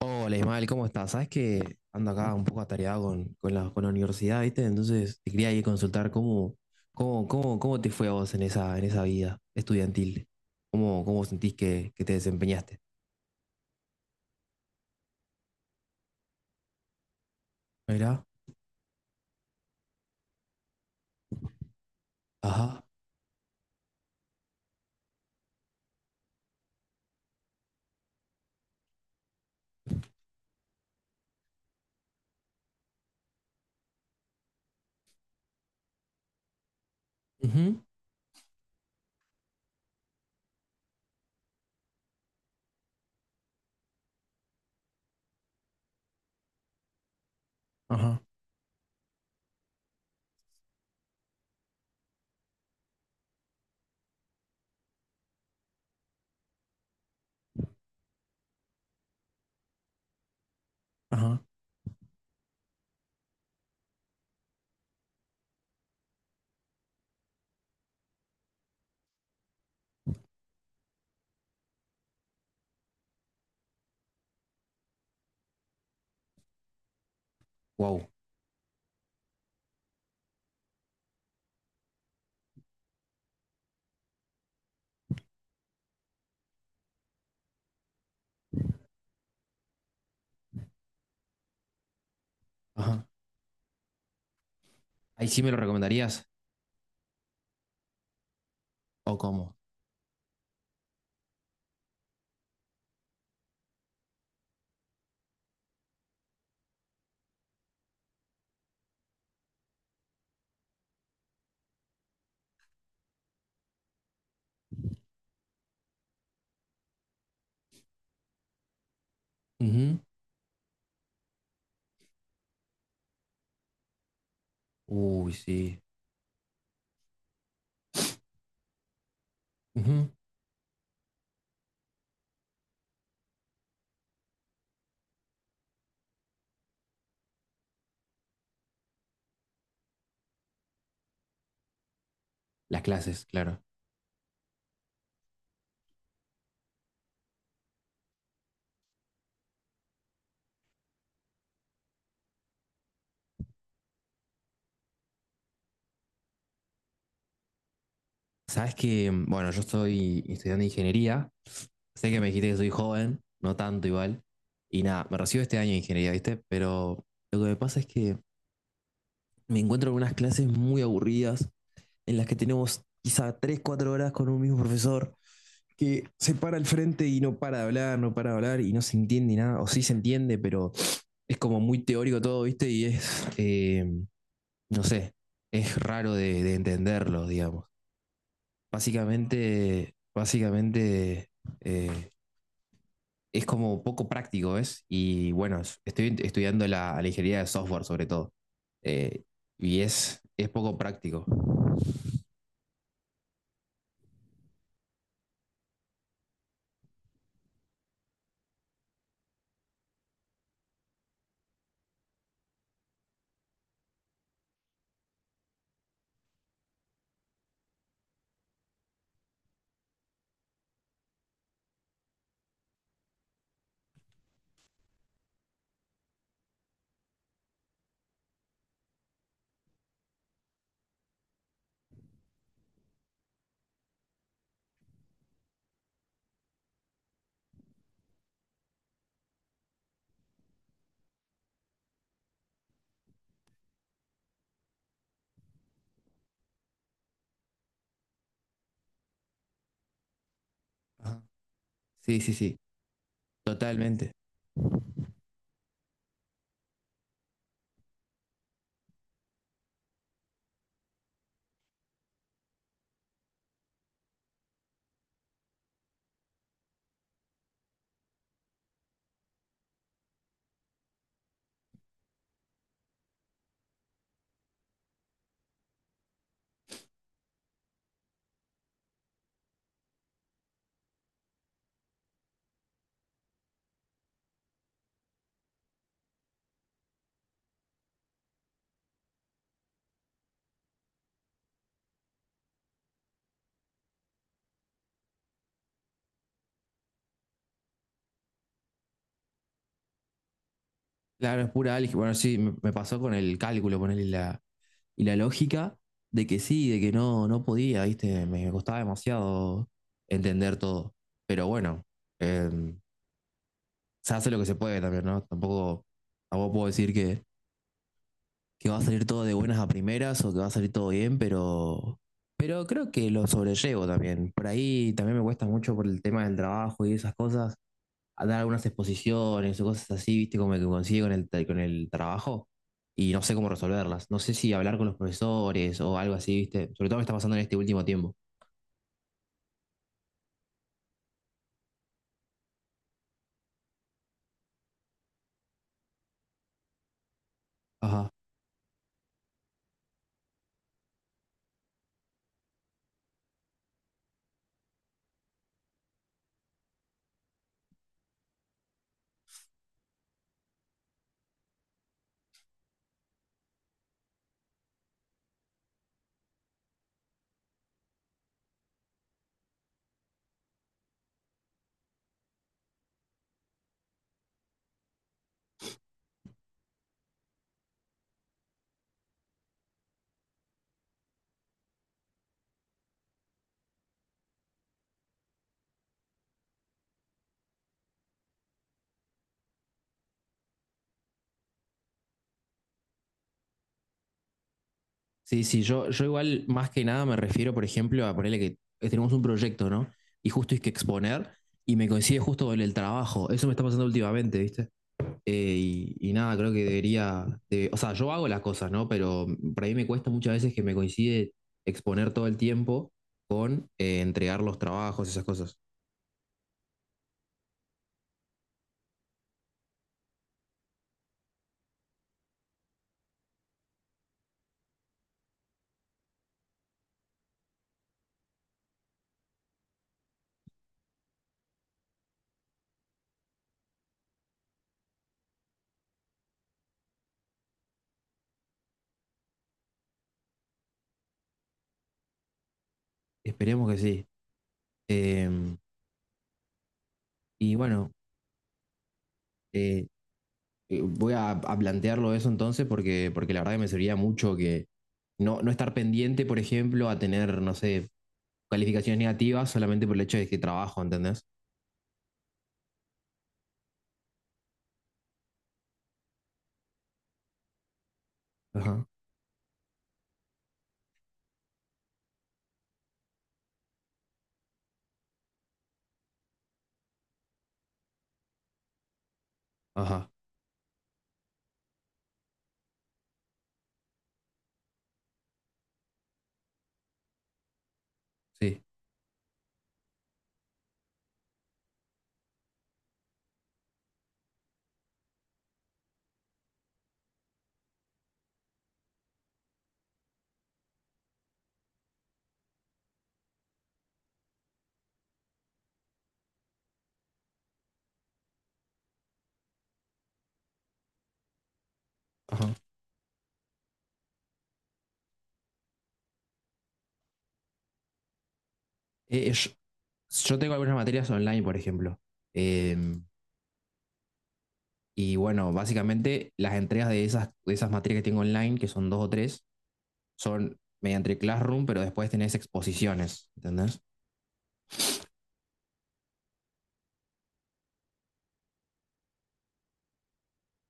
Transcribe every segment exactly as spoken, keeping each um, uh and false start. Hola Ismael, ¿cómo estás? Sabes que ando acá un poco atareado con, con la, con la universidad, ¿viste? Entonces te quería ir a consultar cómo, cómo, cómo, cómo te fue a vos en esa, en esa vida estudiantil. ¿Cómo, cómo sentís que, que te desempeñaste? Mira. Ajá. Ujú. Ajá. Ajá. Wow. Ajá. ¿Ahí sí me lo recomendarías? ¿O cómo? Ujú. Uy, sí. Ujú. Las clases, claro. Sabes que, mm, bueno, yo soy estudiante de ingeniería. Sé que me dijiste que soy joven, no tanto igual. Y nada, me recibo este año de ingeniería, ¿viste? Pero lo que me pasa es que me encuentro en unas clases muy aburridas, en las que tenemos quizá tres cuatro horas con un mismo profesor, que se para al frente y no para de hablar, no para de hablar y no se entiende nada, o sí se entiende, pero es como muy teórico todo, ¿viste? Y es, eh, no sé, es raro de, de entenderlo, digamos. Básicamente, básicamente eh, es como poco práctico, ¿ves? Y bueno, estoy estudiando la, la ingeniería de software sobre todo. Eh, y es, es poco práctico. Ajá. Sí, sí, sí, totalmente. Claro, es pura álgebra. Bueno, sí, me, me pasó con el cálculo, ponerle la, y la lógica de que sí, de que no, no podía, ¿viste? Me, me costaba demasiado entender todo. Pero bueno, eh, se hace lo que se puede también, ¿no? Tampoco, tampoco puedo decir que, que va a salir todo de buenas a primeras o que va a salir todo bien, pero, pero creo que lo sobrellevo también. Por ahí también me cuesta mucho por el tema del trabajo y esas cosas, a dar algunas exposiciones o cosas así, viste, como que consigue con el, con el trabajo y no sé cómo resolverlas. No sé si hablar con los profesores o algo así, viste. Sobre todo me está pasando en este último tiempo. Ajá. Sí, sí, yo, yo igual más que nada me refiero, por ejemplo, a ponerle que eh, tenemos un proyecto, ¿no? Y justo hay que exponer y me coincide justo con el trabajo. Eso me está pasando últimamente, ¿viste? Eh, y, y nada, creo que debería, de- o sea, yo hago las cosas, ¿no? Pero para mí me cuesta muchas veces que me coincide exponer todo el tiempo con eh, entregar los trabajos, esas cosas. Esperemos que sí. Eh, y bueno, eh, eh, voy a, a plantearlo eso entonces porque, porque la verdad que me serviría mucho que no, no estar pendiente, por ejemplo, a tener, no sé, calificaciones negativas solamente por el hecho de que trabajo, ¿entendés? Ajá, ajá, sí, ajá. Eh, eh, yo, yo tengo algunas materias online, por ejemplo. Eh, y bueno, básicamente las entregas de esas, de esas materias que tengo online, que son dos o tres, son mediante Classroom, pero después tenés exposiciones, ¿entendés?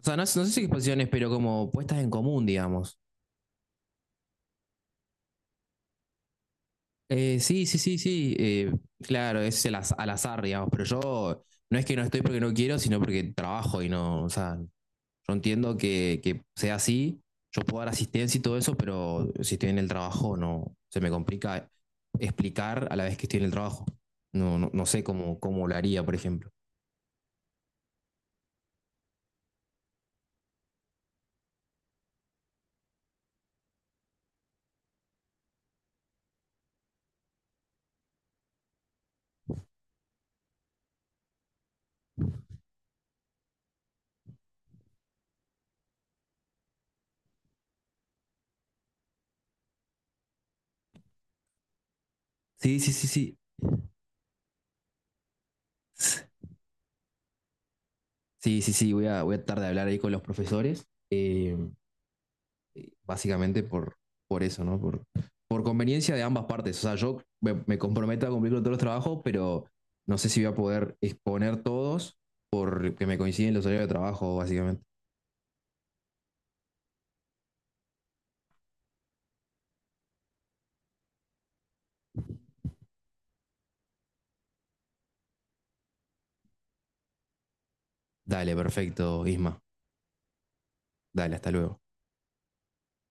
O sea, no, no sé si exposiciones, pero como puestas en común, digamos. Eh, sí, sí, sí, sí. Eh, claro, es el az- al azar, digamos, pero yo no es que no estoy porque no quiero, sino porque trabajo y no, o sea, yo entiendo que, que sea así, yo puedo dar asistencia y todo eso, pero si estoy en el trabajo, no, se me complica explicar a la vez que estoy en el trabajo. No, no, no sé cómo, cómo lo haría, por ejemplo. Sí, sí, sí, sí. Sí, sí, sí, voy a, voy a tratar de hablar ahí con los profesores, eh, básicamente por, por eso, ¿no? Por, por conveniencia de ambas partes. O sea, yo me, me comprometo a cumplir con todos los trabajos, pero no sé si voy a poder exponer todos porque me coinciden los horarios de trabajo, básicamente. Dale, perfecto, Isma. Dale, hasta luego.